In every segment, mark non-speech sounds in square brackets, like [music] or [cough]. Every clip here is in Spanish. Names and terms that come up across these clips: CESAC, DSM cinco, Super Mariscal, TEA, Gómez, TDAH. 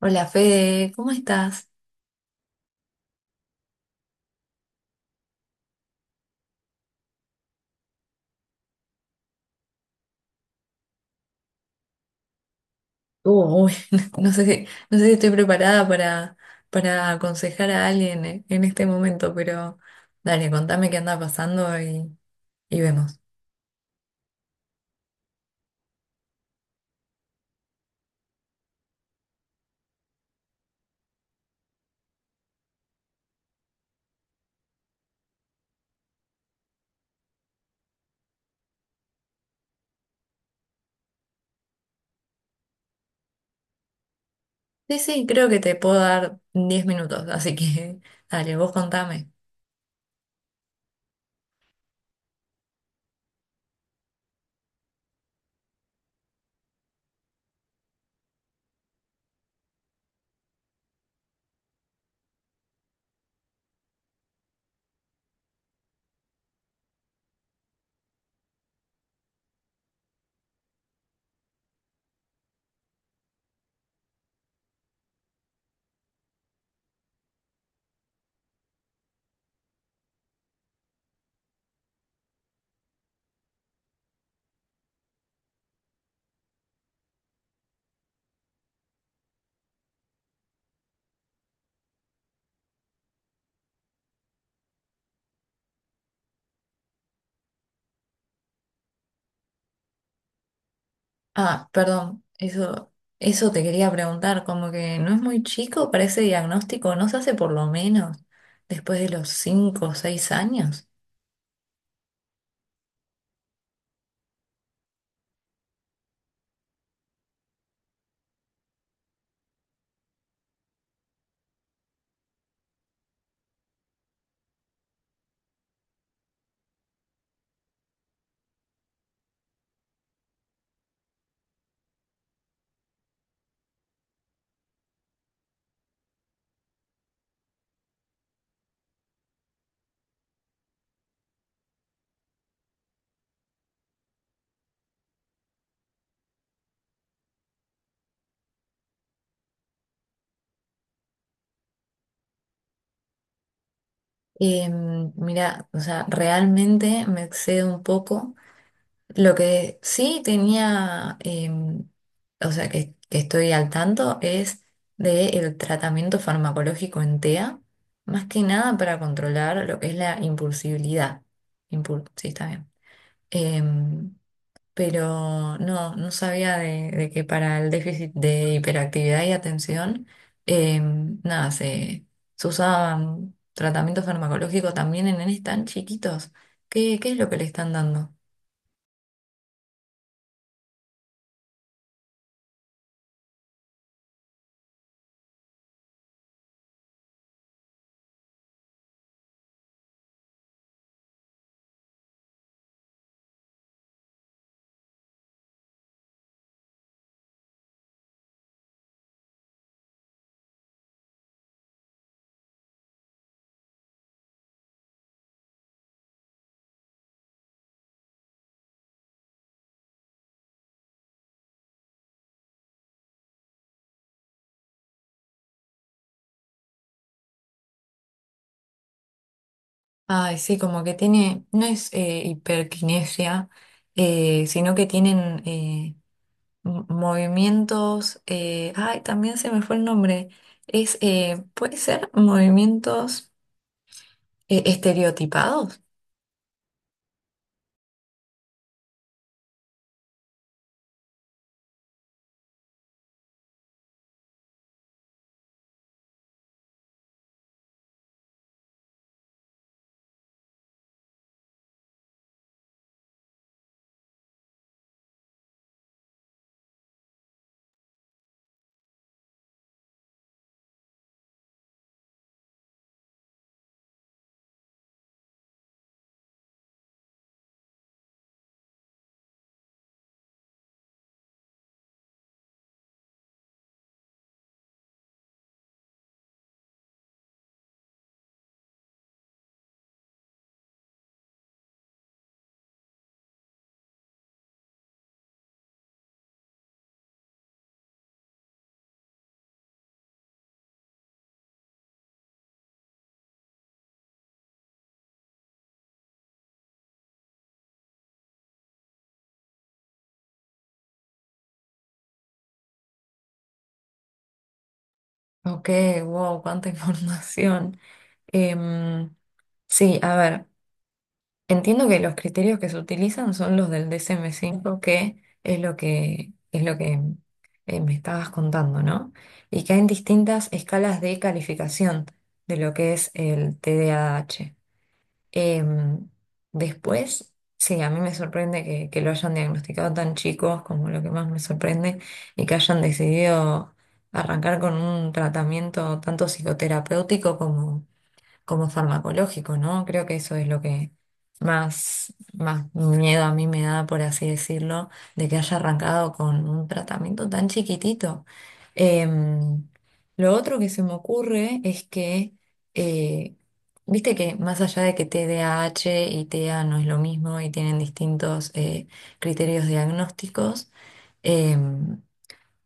Hola Fede, ¿cómo estás? Uy, [laughs] no sé si estoy preparada para aconsejar a alguien en este momento, pero dale, contame qué anda pasando y vemos. Sí, sí, creo que te puedo dar 10 minutos, así que [laughs] dale, vos contame. Ah, perdón, eso te quería preguntar, como que no es muy chico para ese diagnóstico, ¿no se hace por lo menos después de los 5 o 6 años? Mira, o sea, realmente me excedo un poco. Lo que sí tenía, o sea, que estoy al tanto es del tratamiento farmacológico en TEA, más que nada para controlar lo que es la impulsibilidad. Sí, está bien. Em, pero no, no sabía de que para el déficit de hiperactividad y atención, eh, nada, se usaban tratamientos farmacológicos también en nenes tan chiquitos. ¿Qué es lo que le están dando? Ay, sí, como que tiene, no es hiperquinesia, sino que tienen movimientos, ay, también se me fue el nombre, puede ser movimientos estereotipados. Ok, wow, cuánta [laughs] información. Em, sí, a ver, entiendo que los criterios que se utilizan son los del DSM-5, que es lo que, me estabas contando, ¿no? Y que hay distintas escalas de calificación de lo que es el TDAH. Em, después, sí, a mí me sorprende que lo hayan diagnosticado tan chicos como lo que más me sorprende y que hayan decidido arrancar con un tratamiento tanto psicoterapéutico como farmacológico, ¿no? Creo que eso es lo que más miedo a mí me da, por así decirlo, de que haya arrancado con un tratamiento tan chiquitito. Em, lo otro que se me ocurre es que, eh, viste que más allá de que TDAH y TEA no es lo mismo y tienen distintos criterios diagnósticos, em,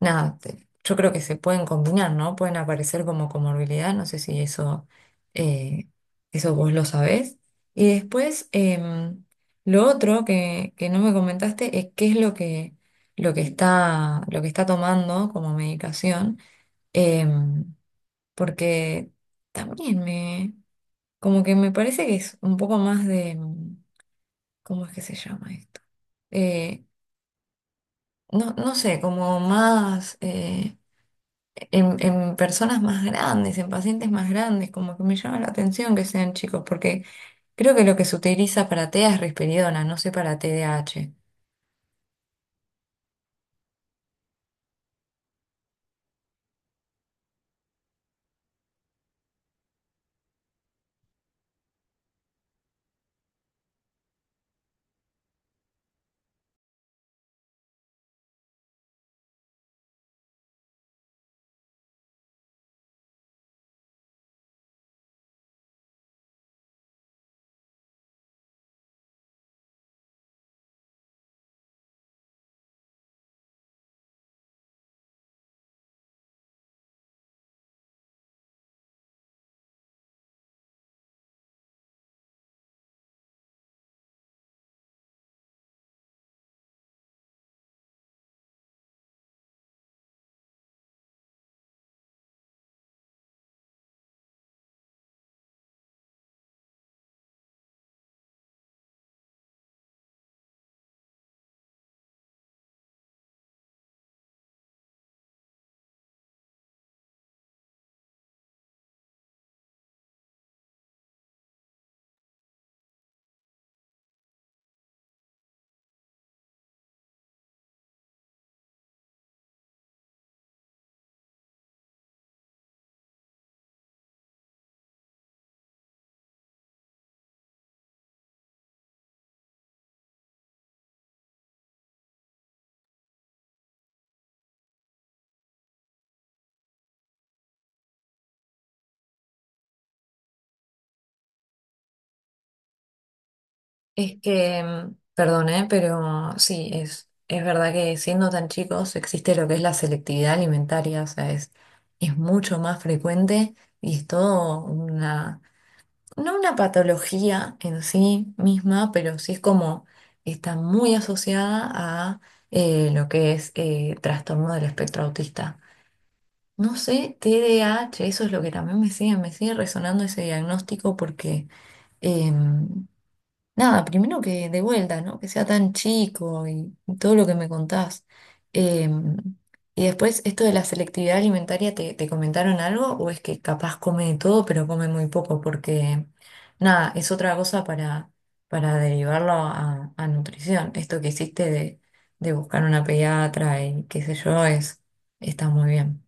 nada, yo creo que se pueden combinar, ¿no? Pueden aparecer como comorbilidad, no sé si eh, eso vos lo sabés. Y después, lo otro que no me comentaste es qué es lo que está tomando como medicación, em, porque también como que me parece que es un poco más de, ¿cómo es que se llama esto? Eh, no, no sé, como más en personas más grandes, en pacientes más grandes, como que me llama la atención que sean chicos, porque creo que lo que se utiliza para TEA es risperidona, no sé para TDAH. Es que, perdón, ¿eh? Pero sí, es verdad que siendo tan chicos existe lo que es la selectividad alimentaria, o sea, es mucho más frecuente y es todo una no una patología en sí misma, pero sí es como está muy asociada a lo que es trastorno del espectro autista. No sé, TDAH, eso es lo que también me sigue resonando ese diagnóstico porque em, nada, primero que de vuelta, ¿no? Que sea tan chico y todo lo que me contás. Em, y después, esto de la selectividad alimentaria, ¿te comentaron algo? ¿O es que capaz come de todo, pero come muy poco? Porque, nada, es otra cosa para, derivarlo a nutrición. Esto que hiciste de buscar una pediatra y qué sé yo, está muy bien.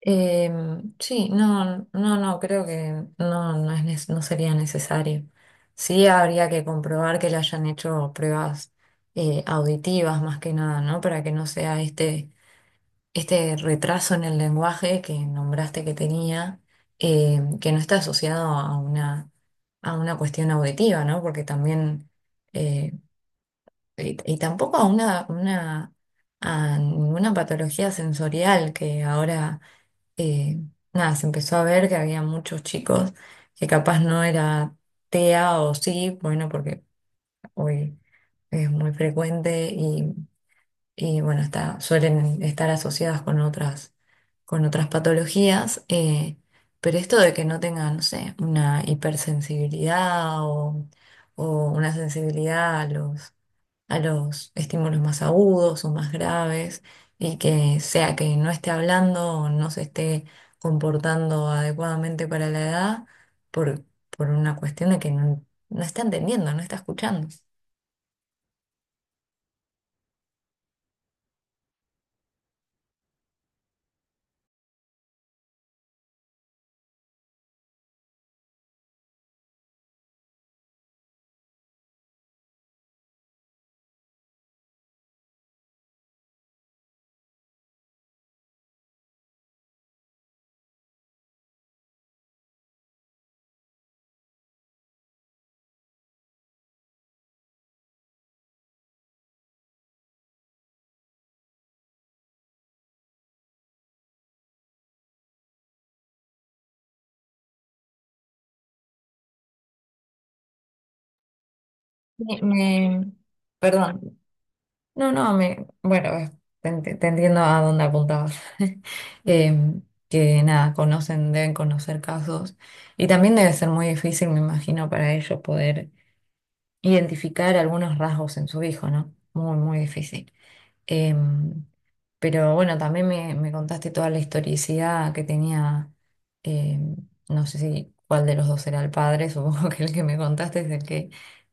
Sí, no, no, no, creo que no, no sería necesario. Sí habría que comprobar que le hayan hecho pruebas auditivas más que nada, ¿no? Para que no sea este retraso en el lenguaje que nombraste que tenía, que no está asociado a una cuestión auditiva, ¿no? Porque también, eh, y tampoco a ninguna patología sensorial que ahora eh, nada, se empezó a ver que había muchos chicos que capaz no era TEA o sí, bueno, porque hoy es muy frecuente y, bueno, suelen estar asociadas con con otras patologías, pero esto de que no tengan, no sé, una hipersensibilidad o una sensibilidad a los estímulos más agudos o más graves y que sea que no esté hablando o no se esté comportando adecuadamente para la edad por, por una cuestión de que no, no está entendiendo, no está escuchando. Me, me- perdón, no, no, bueno, te entiendo a dónde apuntabas. [laughs] Em, que nada, deben conocer casos y también debe ser muy difícil, me imagino, para ellos poder identificar algunos rasgos en su hijo, ¿no? Muy, muy difícil. Em, pero bueno, también me contaste toda la historicidad que tenía, em, no sé si cuál de los dos era el padre, [laughs] supongo que el que me contaste es el que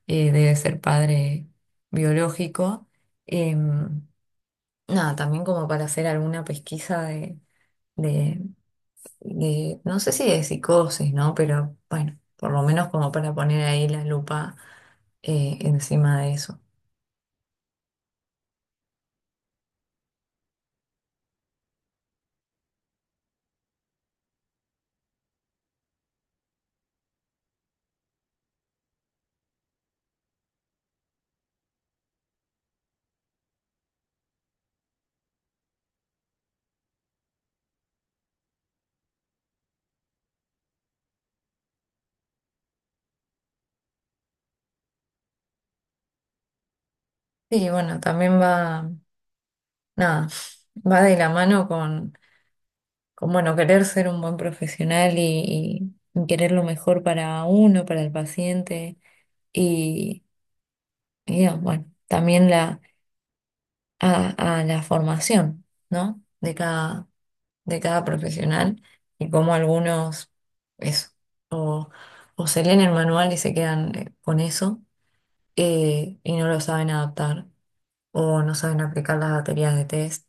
debe ser padre biológico. Em, nada, también como para hacer alguna pesquisa de, de, no sé si de psicosis, ¿no? Pero bueno, por lo menos como para poner ahí la lupa encima de eso. Sí, bueno, también nada, va de la mano con bueno, querer ser un buen profesional y querer lo mejor para uno, para el paciente y, y, ah, bueno, también a la formación, ¿no? De cada profesional y cómo algunos, eso, o, o se leen el manual y se quedan con eso y no lo saben adaptar o no saben aplicar las baterías de test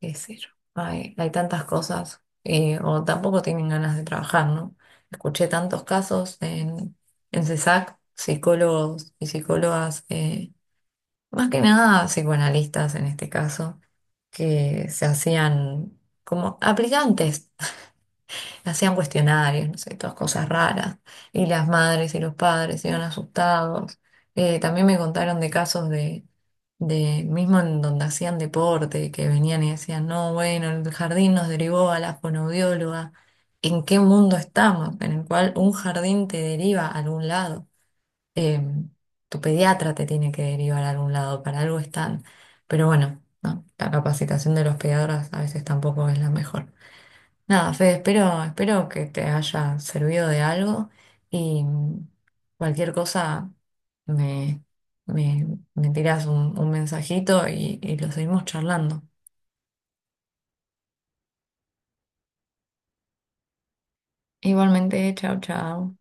qué sé yo. Hay tantas cosas, o tampoco tienen ganas de trabajar, ¿no? Escuché tantos casos en CESAC, psicólogos y psicólogas, más que nada psicoanalistas en este caso, que se hacían como aplicantes. Hacían cuestionarios, no sé, todas cosas raras. Y las madres y los padres iban asustados. También me contaron de casos de, mismo en donde hacían deporte, que venían y decían, no, bueno, el jardín nos derivó a la fonoaudióloga. ¿En qué mundo estamos? En el cual un jardín te deriva a algún lado. Eh, tu pediatra te tiene que derivar a algún lado, para algo están. Pero bueno, no, la capacitación de los pediatras a veces tampoco es la mejor. Nada, Fede, espero que te haya servido de algo y cualquier cosa me, me, me tiras un mensajito y lo seguimos charlando. Igualmente, chao, chao.